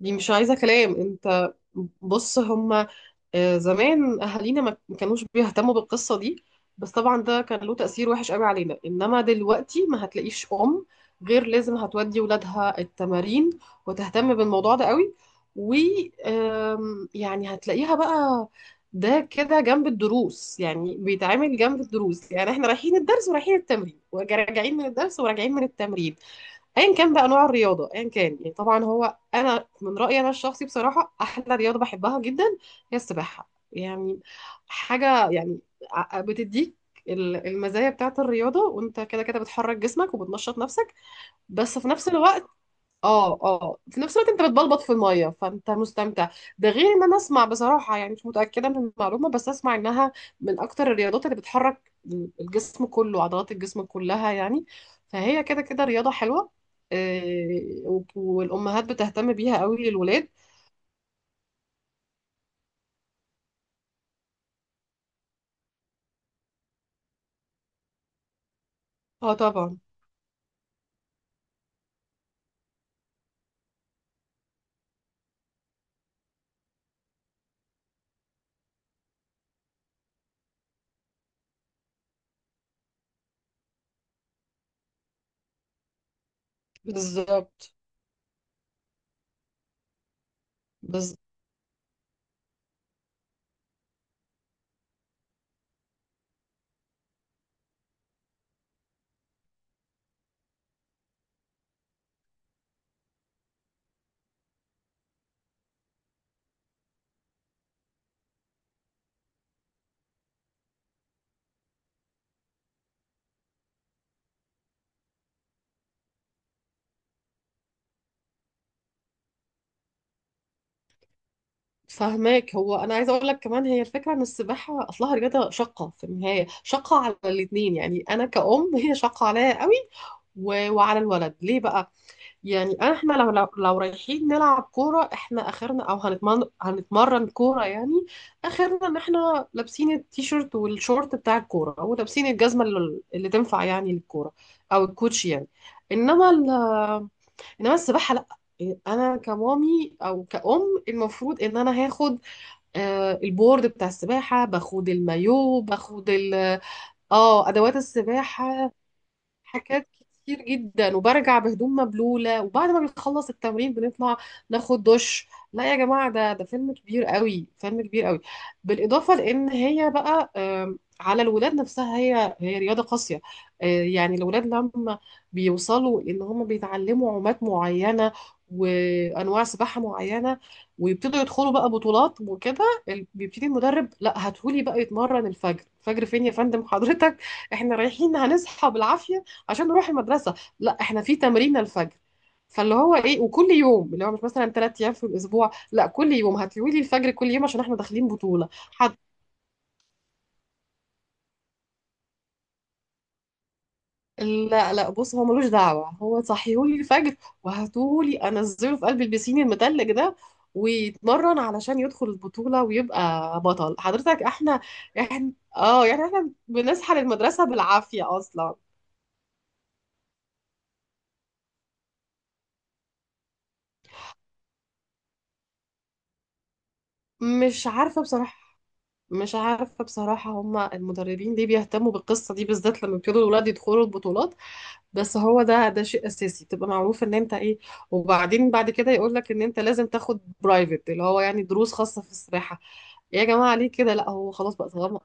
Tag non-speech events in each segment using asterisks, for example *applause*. دي مش عايزة كلام انت. بص هما، زمان اهالينا ما كانوش بيهتموا بالقصة دي. بس طبعا ده كان له تأثير وحش قوي علينا، انما دلوقتي ما هتلاقيش غير لازم هتودي ولادها التمارين وتهتم بالموضوع ده قوي. و يعني هتلاقيها بقى ده كده جنب الدروس، يعني بيتعامل جنب الدروس. يعني احنا رايحين الدرس ورايحين التمرين وراجعين من الدرس وراجعين من التمرين. ايا كان بقى نوع الرياضه ايا كان، يعني طبعا هو انا من رايي انا الشخصي بصراحه احلى رياضه بحبها جدا هي السباحه يعني. حاجه يعني بتديك المزايا بتاعت الرياضه، وانت كده كده بتحرك جسمك وبتنشط نفسك. بس في نفس الوقت، اه في نفس الوقت انت بتبلبط في الميه فانت مستمتع. ده غير ان انا اسمع بصراحه، يعني مش متاكده من المعلومه بس اسمع انها من اكتر الرياضات اللي بتحرك الجسم كله، عضلات الجسم كلها يعني. فهي كده كده رياضه حلوه. آه، والامهات بتهتم بيها قوي للولاد. اه طبعا. بالظبط. بز... فهماك، هو انا عايزه اقول لك كمان هي الفكره ان السباحه اصلها رياضه شاقه، في النهايه شاقه على الاثنين، يعني انا كأم *laughs* هي شاقه عليا قوي. وعلى الولد ليه بقى. يعني احنا لو رايحين نلعب كورة، احنا اخرنا او هنتمرن كورة يعني. اخرنا ان احنا لابسين التيشيرت والشورت بتاع الكورة ولابسين الجزمة اللي تنفع يعني للكورة، او الكوتشي يعني. انما ال انما السباحة لا. انا كمامي او كأم المفروض ان انا هاخد البورد بتاع السباحة، باخد المايو، باخد اه ادوات السباحة، حاجات كتير جدا، وبرجع بهدوم مبلولة، وبعد ما بنخلص التمرين بنطلع ناخد دش. لا يا جماعة، ده فيلم كبير قوي، فيلم كبير قوي. بالإضافة لأن هي بقى على الولاد نفسها هي رياضة قاسية. يعني الولاد لما بيوصلوا إن هم بيتعلموا عومات معينة وأنواع سباحة معينة، ويبتدوا يدخلوا بقى بطولات وكده، بيبتدي المدرب لا هاتهولي بقى يتمرن الفجر. الفجر فين يا فندم حضرتك؟ *laughs* احنا رايحين هنصحى بالعافية عشان نروح المدرسة، لا احنا في تمرين الفجر. فاللي هو ايه، وكل يوم، اللي هو مش مثلا 3 ايام في الاسبوع، لا كل يوم هتقولي لي الفجر، كل يوم، عشان احنا داخلين بطولة حد. لا لا، بص هو ملوش دعوة، هو صحيهولي الفجر وهاتولي انزله في قلب البسين المتلج ده، ويتمرن علشان يدخل البطولة ويبقى بطل. حضرتك احنا اه، يعني احنا بنصحى للمدرسة بالعافية اصلا. مش عارفة بصراحة. مش عارفة بصراحة هما المدربين ليه بيهتموا بالقصة دي بالذات لما بيبتدوا الولاد يدخلوا البطولات. بس هو ده شيء أساسي، تبقى معروف إن أنت إيه. وبعدين بعد كده يقول لك إن أنت لازم تاخد برايفت اللي هو يعني دروس خاصة في السباحة. يا جماعة ليه كده، لا هو خلاص بقى طالما.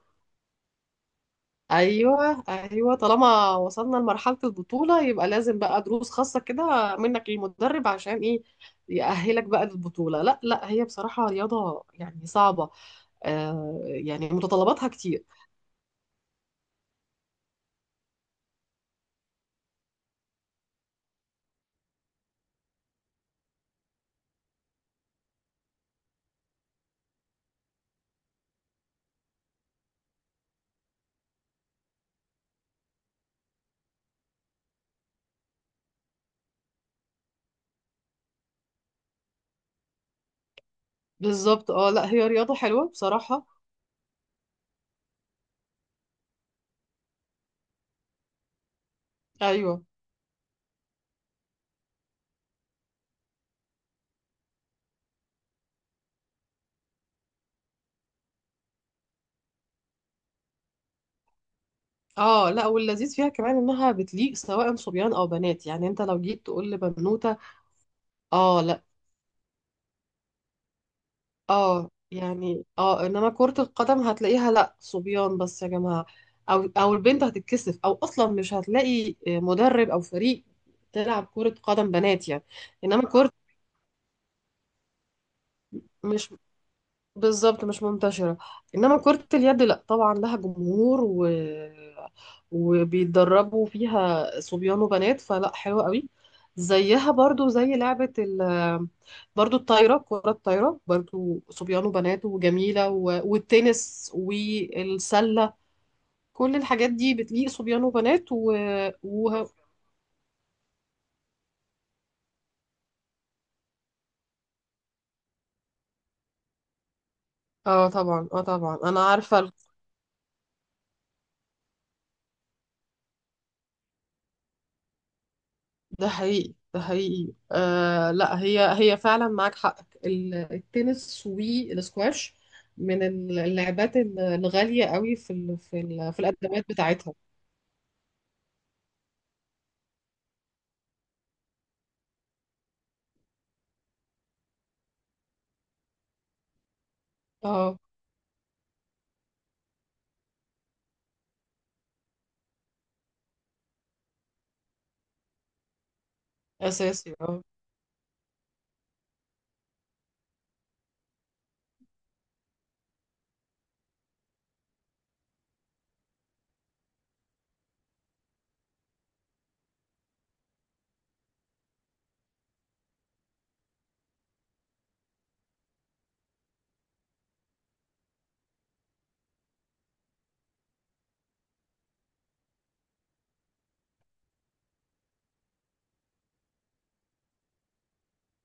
أيوه أيوه، طالما وصلنا لمرحلة البطولة يبقى لازم بقى دروس خاصة كده منك للمدرب عشان إيه يأهلك بقى للبطولة. لا لا، هي بصراحة رياضة يعني صعبة. يعني متطلباتها كتير. بالظبط. اه لا هي رياضة حلوة بصراحة. ايوه. اه لا واللذيذ فيها كمان انها بتليق سواء صبيان او بنات، يعني انت لو جيت تقول لبنوتة. اه لا. اه يعني اه، انما كرة القدم هتلاقيها لا صبيان بس يا جماعة، او البنت هتتكسف، او اصلا مش هتلاقي مدرب او فريق تلعب كرة قدم بنات يعني. انما كرة، مش، بالظبط مش منتشرة. إنما كرة اليد لأ، طبعا لها جمهور، وبيتدربوا فيها صبيان وبنات، فلأ حلوة قوي. زيها برضو زي لعبة برضو الطايرة، كرة الطايرة برضو صبيان وبنات وجميلة، والتنس والسلة، كل الحاجات دي بتليق صبيان وبنات و... اه طبعا. اه طبعا انا عارفة. ده حقيقي ده حقيقي. آه لا، هي فعلا معاك حق. التنس والسكواش من اللعبات الغالية قوي في الأدوات بتاعتها. اه أساسي. اه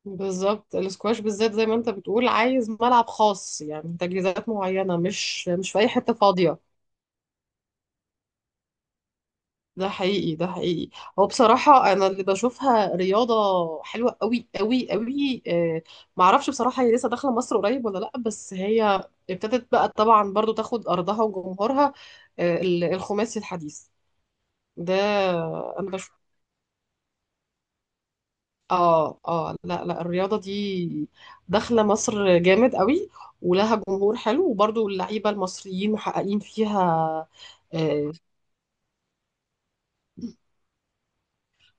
بالظبط، السكواش بالذات زي ما انت بتقول عايز ملعب خاص، يعني تجهيزات معينة، مش مش في أي حتة فاضية. ده حقيقي ده حقيقي. هو بصراحة أنا اللي بشوفها رياضة حلوة قوي قوي قوي، معرفش بصراحة هي لسه داخلة مصر قريب ولا لأ، بس هي ابتدت بقى طبعا برضو تاخد أرضها وجمهورها، الخماسي الحديث ده. أنا بشوف. اه اه لا لا، الرياضة دي داخلة مصر جامد قوي، ولها جمهور حلو، وبرضو اللعيبة المصريين محققين فيها. آه،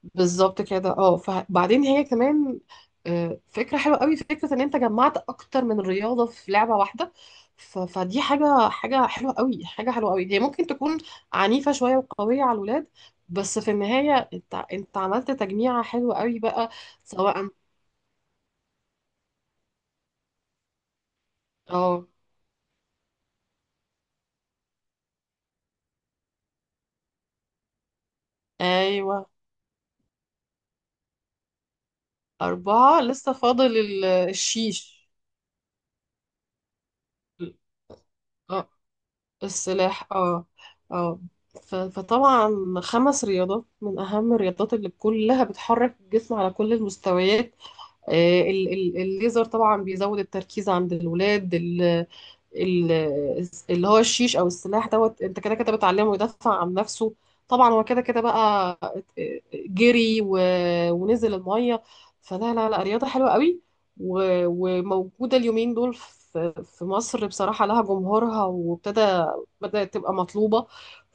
بالظبط كده. اه فبعدين هي كمان فكرة حلوة قوي، فكرة ان انت جمعت اكتر من رياضة في لعبة واحدة. فدي حاجة، حاجة حلوة قوي، حاجة حلوة قوي. هي ممكن تكون عنيفة شوية وقوية على الولاد، بس في النهاية انت عملت تجميعة حلوة قوي بقى. سواء. اه. ايوه اربعة لسه فاضل الشيش، السلاح. اه اه. فطبعا خمس رياضات من أهم الرياضات اللي كلها بتحرك الجسم على كل المستويات. الليزر طبعا بيزود التركيز عند الولاد. ال- اللي هو الشيش او السلاح دوت، انت كده كده بتعلمه يدافع عن نفسه. طبعا هو كده كده بقى جري ونزل الميه. فلا لا لا، رياضه حلوه قوي، و- وموجوده اليومين دول في في مصر بصراحه، لها جمهورها وابتدى، بدات تبقى مطلوبه.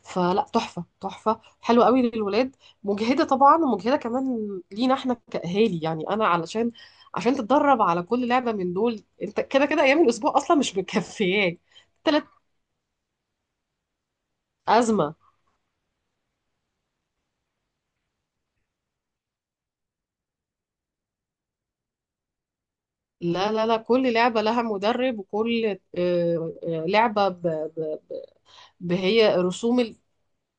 فلا تحفه، تحفه حلوه قوي للولاد. مجهده طبعا، ومجهده كمان لينا احنا كاهالي، يعني انا علشان، عشان تتدرب على كل لعبة من دول انت كده كده ايام الاسبوع اصلا مش مكفياك. تلات ازمة. لا لا لا، كل لعبة لها مدرب، وكل لعبة ب- هي رسوم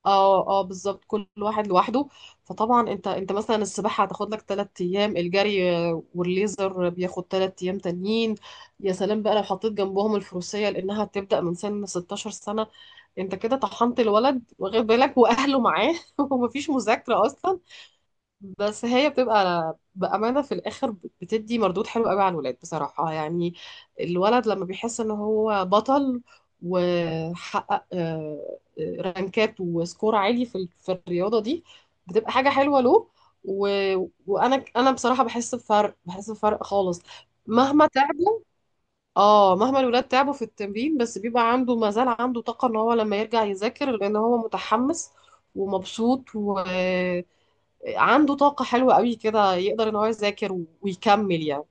اه اه بالظبط، كل واحد لوحده. فطبعا انت انت مثلا السباحة هتاخد لك 3 ايام، الجري والليزر بياخد 3 ايام تانيين. يا سلام بقى لو حطيت جنبهم الفروسية لانها هتبدأ من سن 16 سنة، انت كده طحنت الولد، واخد بالك واهله معاه. *laughs* ومفيش مذاكرة اصلا. بس هي بتبقى بأمانة في الآخر بتدي مردود حلو قوي على الولاد بصراحة، يعني الولد لما بيحس إن هو بطل وحقق رانكات وسكور عالي في في الرياضة دي، بتبقى حاجة حلوة له. و... وأنا أنا بصراحة بحس بفرق، بحس بفرق خالص، مهما تعبوا. اه مهما الولاد تعبوا في التمرين، بس بيبقى عنده، ما زال عنده طاقة ان هو لما يرجع يذاكر لان هو متحمس ومبسوط، عنده طاقة حلوة قوي كده، يقدر ان هو يذاكر ويكمل يعني.